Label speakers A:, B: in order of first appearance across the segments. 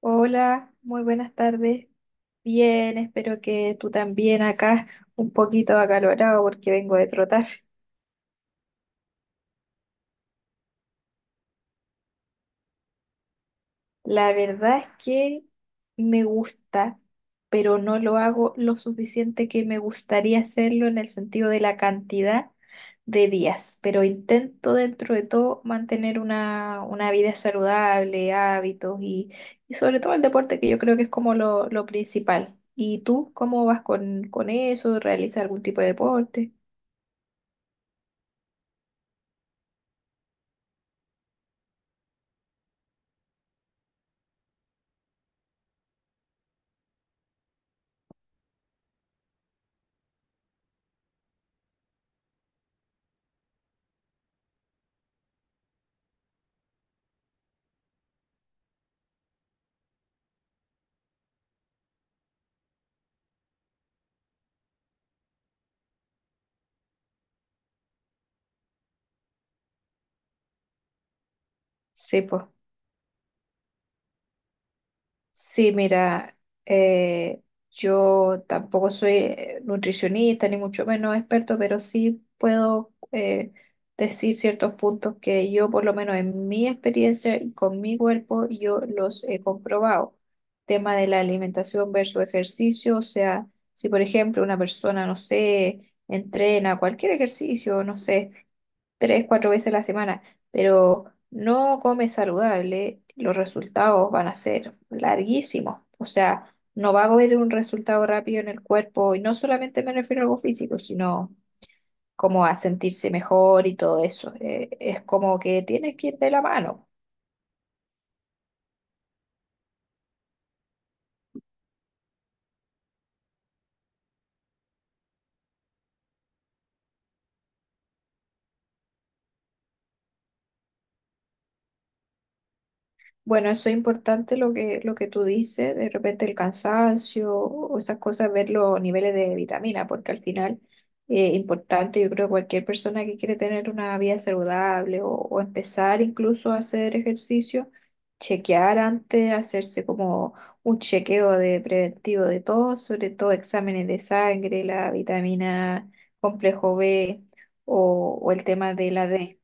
A: Hola, muy buenas tardes. Bien, espero que tú también acá, un poquito acalorado porque vengo de trotar. La verdad es que me gusta, pero no lo hago lo suficiente que me gustaría hacerlo en el sentido de la cantidad de días, pero intento dentro de todo mantener una vida saludable, hábitos y sobre todo el deporte, que yo creo que es como lo principal. ¿Y tú cómo vas con eso? ¿Realizas algún tipo de deporte? Sí, Sí, mira, eh, yo tampoco soy nutricionista ni mucho menos experto, pero sí puedo decir ciertos puntos que yo, por lo menos en mi experiencia y con mi cuerpo, yo los he comprobado. Tema de la alimentación versus ejercicio, o sea, si por ejemplo una persona, no sé, entrena cualquier ejercicio, no sé tres, cuatro veces a la semana, pero no comes saludable, los resultados van a ser larguísimos. O sea, no va a haber un resultado rápido en el cuerpo, y no solamente me refiero a algo físico, sino como a sentirse mejor y todo eso. Es como que tiene que ir de la mano. Bueno, eso es importante lo que tú dices, de repente el cansancio o esas cosas, ver los niveles de vitamina, porque al final es importante, yo creo que cualquier persona que quiere tener una vida saludable o empezar incluso a hacer ejercicio, chequear antes, hacerse como un chequeo de preventivo de todo, sobre todo exámenes de sangre, la vitamina complejo B o el tema de la D.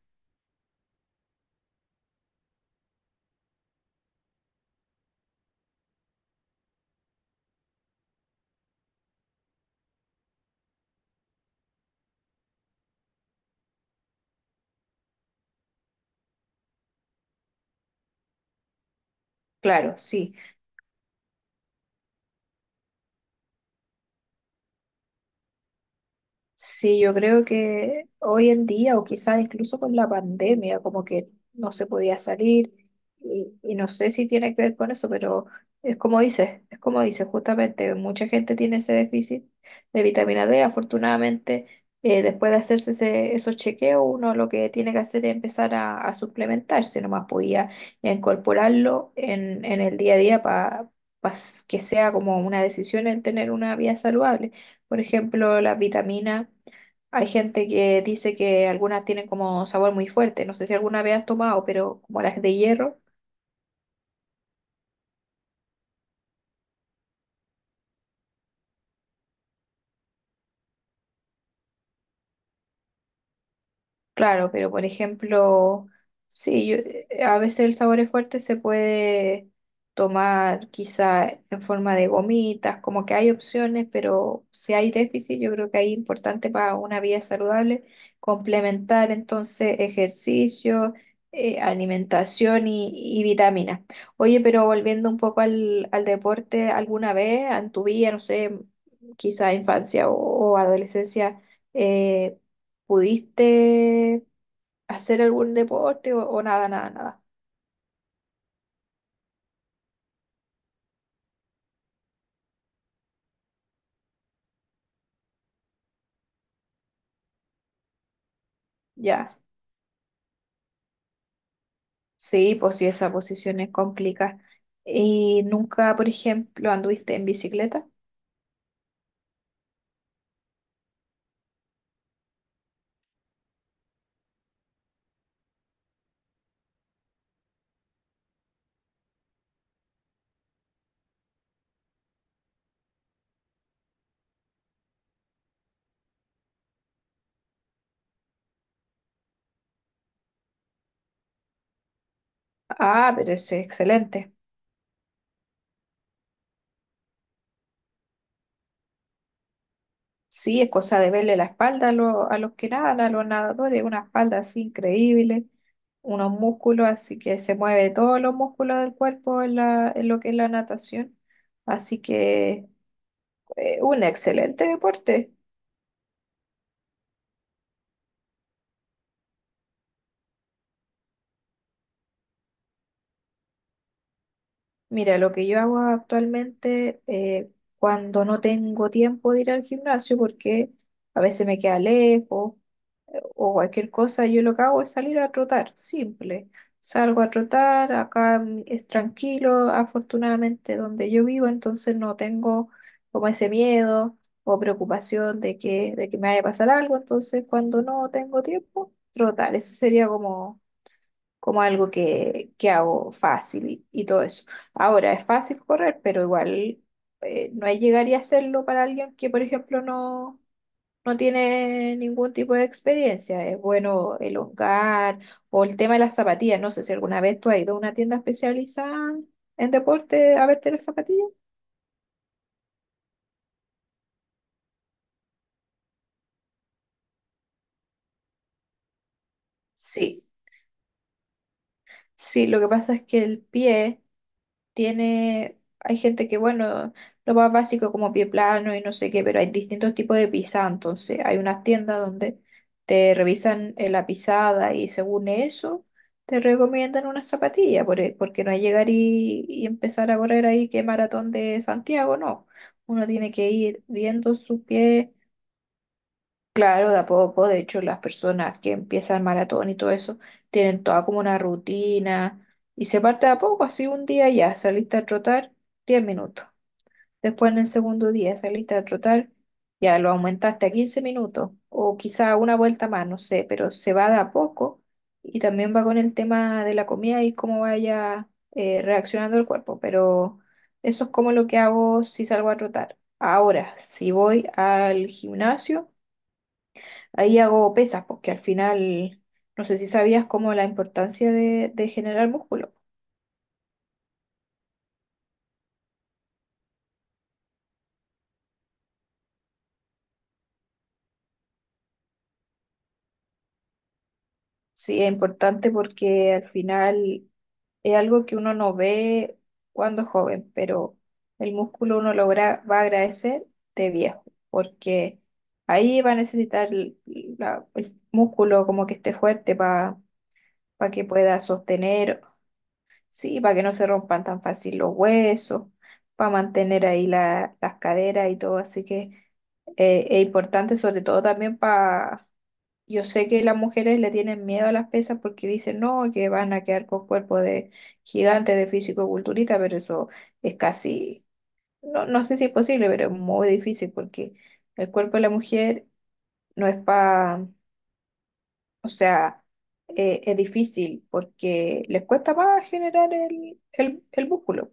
A: Claro, sí. Sí, yo creo que hoy en día, o quizás incluso con la pandemia, como que no se podía salir, y no sé si tiene que ver con eso, pero es como dices, justamente, mucha gente tiene ese déficit de vitamina D. Afortunadamente, después de hacerse esos chequeos, uno lo que tiene que hacer es empezar a suplementarse, nomás podía incorporarlo en el día a día para que sea como una decisión en tener una vida saludable. Por ejemplo, las vitaminas. Hay gente que dice que algunas tienen como sabor muy fuerte. No sé si alguna vez has tomado, pero como las de hierro. Claro, pero por ejemplo, sí, a veces el sabor es fuerte, se puede tomar quizá en forma de gomitas, como que hay opciones, pero si hay déficit, yo creo que ahí es importante para una vida saludable complementar entonces ejercicio, alimentación y vitaminas. Oye, pero volviendo un poco al deporte, ¿alguna vez en tu vida, no sé, quizá infancia o adolescencia, eh, pudiste hacer algún deporte o nada, nada, nada? Ya, sí, pues sí, esa posición es complicada. ¿Y nunca, por ejemplo, anduviste en bicicleta? Ah, pero es excelente. Sí, es cosa de verle la espalda a, a los que nadan, a los nadadores, una espalda así increíble, unos músculos, así que se mueve todos los músculos del cuerpo en la, en lo que es la natación. Así que un excelente deporte. Mira, lo que yo hago actualmente cuando no tengo tiempo de ir al gimnasio, porque a veces me queda lejos o cualquier cosa, yo lo que hago es salir a trotar, simple. Salgo a trotar, acá es tranquilo, afortunadamente donde yo vivo, entonces no tengo como ese miedo o preocupación de que me vaya a pasar algo, entonces cuando no tengo tiempo, trotar, eso sería como como algo que hago fácil y todo eso. Ahora, es fácil correr, pero igual no llegaría a hacerlo para alguien que, por ejemplo, no, no tiene ningún tipo de experiencia. Es bueno elongar o el tema de las zapatillas. No sé si alguna vez tú has ido a una tienda especializada en deporte a verte las zapatillas. Sí, sí, lo que pasa es que el pie tiene, hay gente que, bueno, lo más básico como pie plano y no sé qué, pero hay distintos tipos de pisada, entonces hay unas tiendas donde te revisan la pisada y según eso te recomiendan una zapatilla, porque no es llegar y empezar a correr ahí que maratón de Santiago, no, uno tiene que ir viendo su pie. Claro, de a poco, de hecho, las personas que empiezan maratón y todo eso tienen toda como una rutina y se parte de a poco, así un día ya saliste a trotar 10 minutos, después en el segundo día saliste a trotar, ya lo aumentaste a 15 minutos o quizá una vuelta más, no sé, pero se va de a poco y también va con el tema de la comida y cómo vaya reaccionando el cuerpo, pero eso es como lo que hago si salgo a trotar. Ahora, si voy al gimnasio, ahí hago pesas, porque al final, no sé si sabías como la importancia de generar músculo. Sí, es importante porque al final es algo que uno no ve cuando es joven, pero el músculo uno logra, va a agradecer de viejo, porque ahí va a necesitar el músculo como que esté fuerte para que pueda sostener, sí, para que no se rompan tan fácil los huesos, para mantener ahí las caderas y todo, así que es importante, sobre todo también para. Yo sé que las mujeres le tienen miedo a las pesas porque dicen, no, que van a quedar con cuerpo de gigante, de físico-culturista, pero eso es casi, no, no sé si es posible, pero es muy difícil porque el cuerpo de la mujer no es para, o sea, es difícil porque les cuesta más generar el músculo.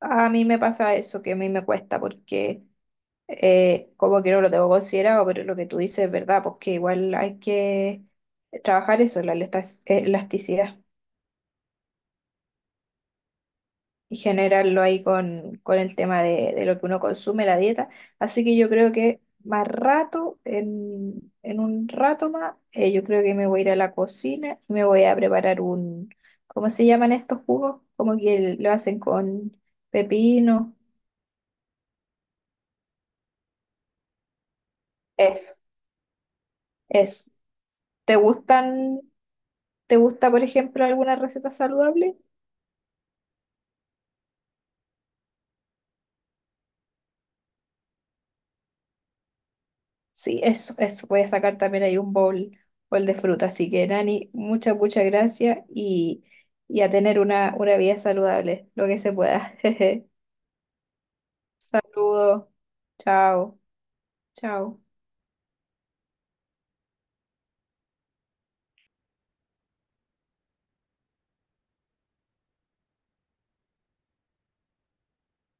A: A mí me pasa eso, que a mí me cuesta porque como que no lo tengo considerado, pero lo que tú dices es verdad, porque igual hay que trabajar eso, elasticidad, y generarlo ahí con el tema de lo que uno consume, la dieta. Así que yo creo que más rato, en un rato más, yo creo que me voy a ir a la cocina y me voy a preparar un, ¿cómo se llaman estos jugos? Como que lo hacen con pepino, eso, eso. ¿Te gustan, te gusta, por ejemplo, alguna receta saludable? Sí, eso, eso. Voy a sacar también ahí un bowl, bowl de fruta. Así que, Nani, muchas, muchas gracias y a tener una vida saludable, lo que se pueda. Saludos. Chao. Chao.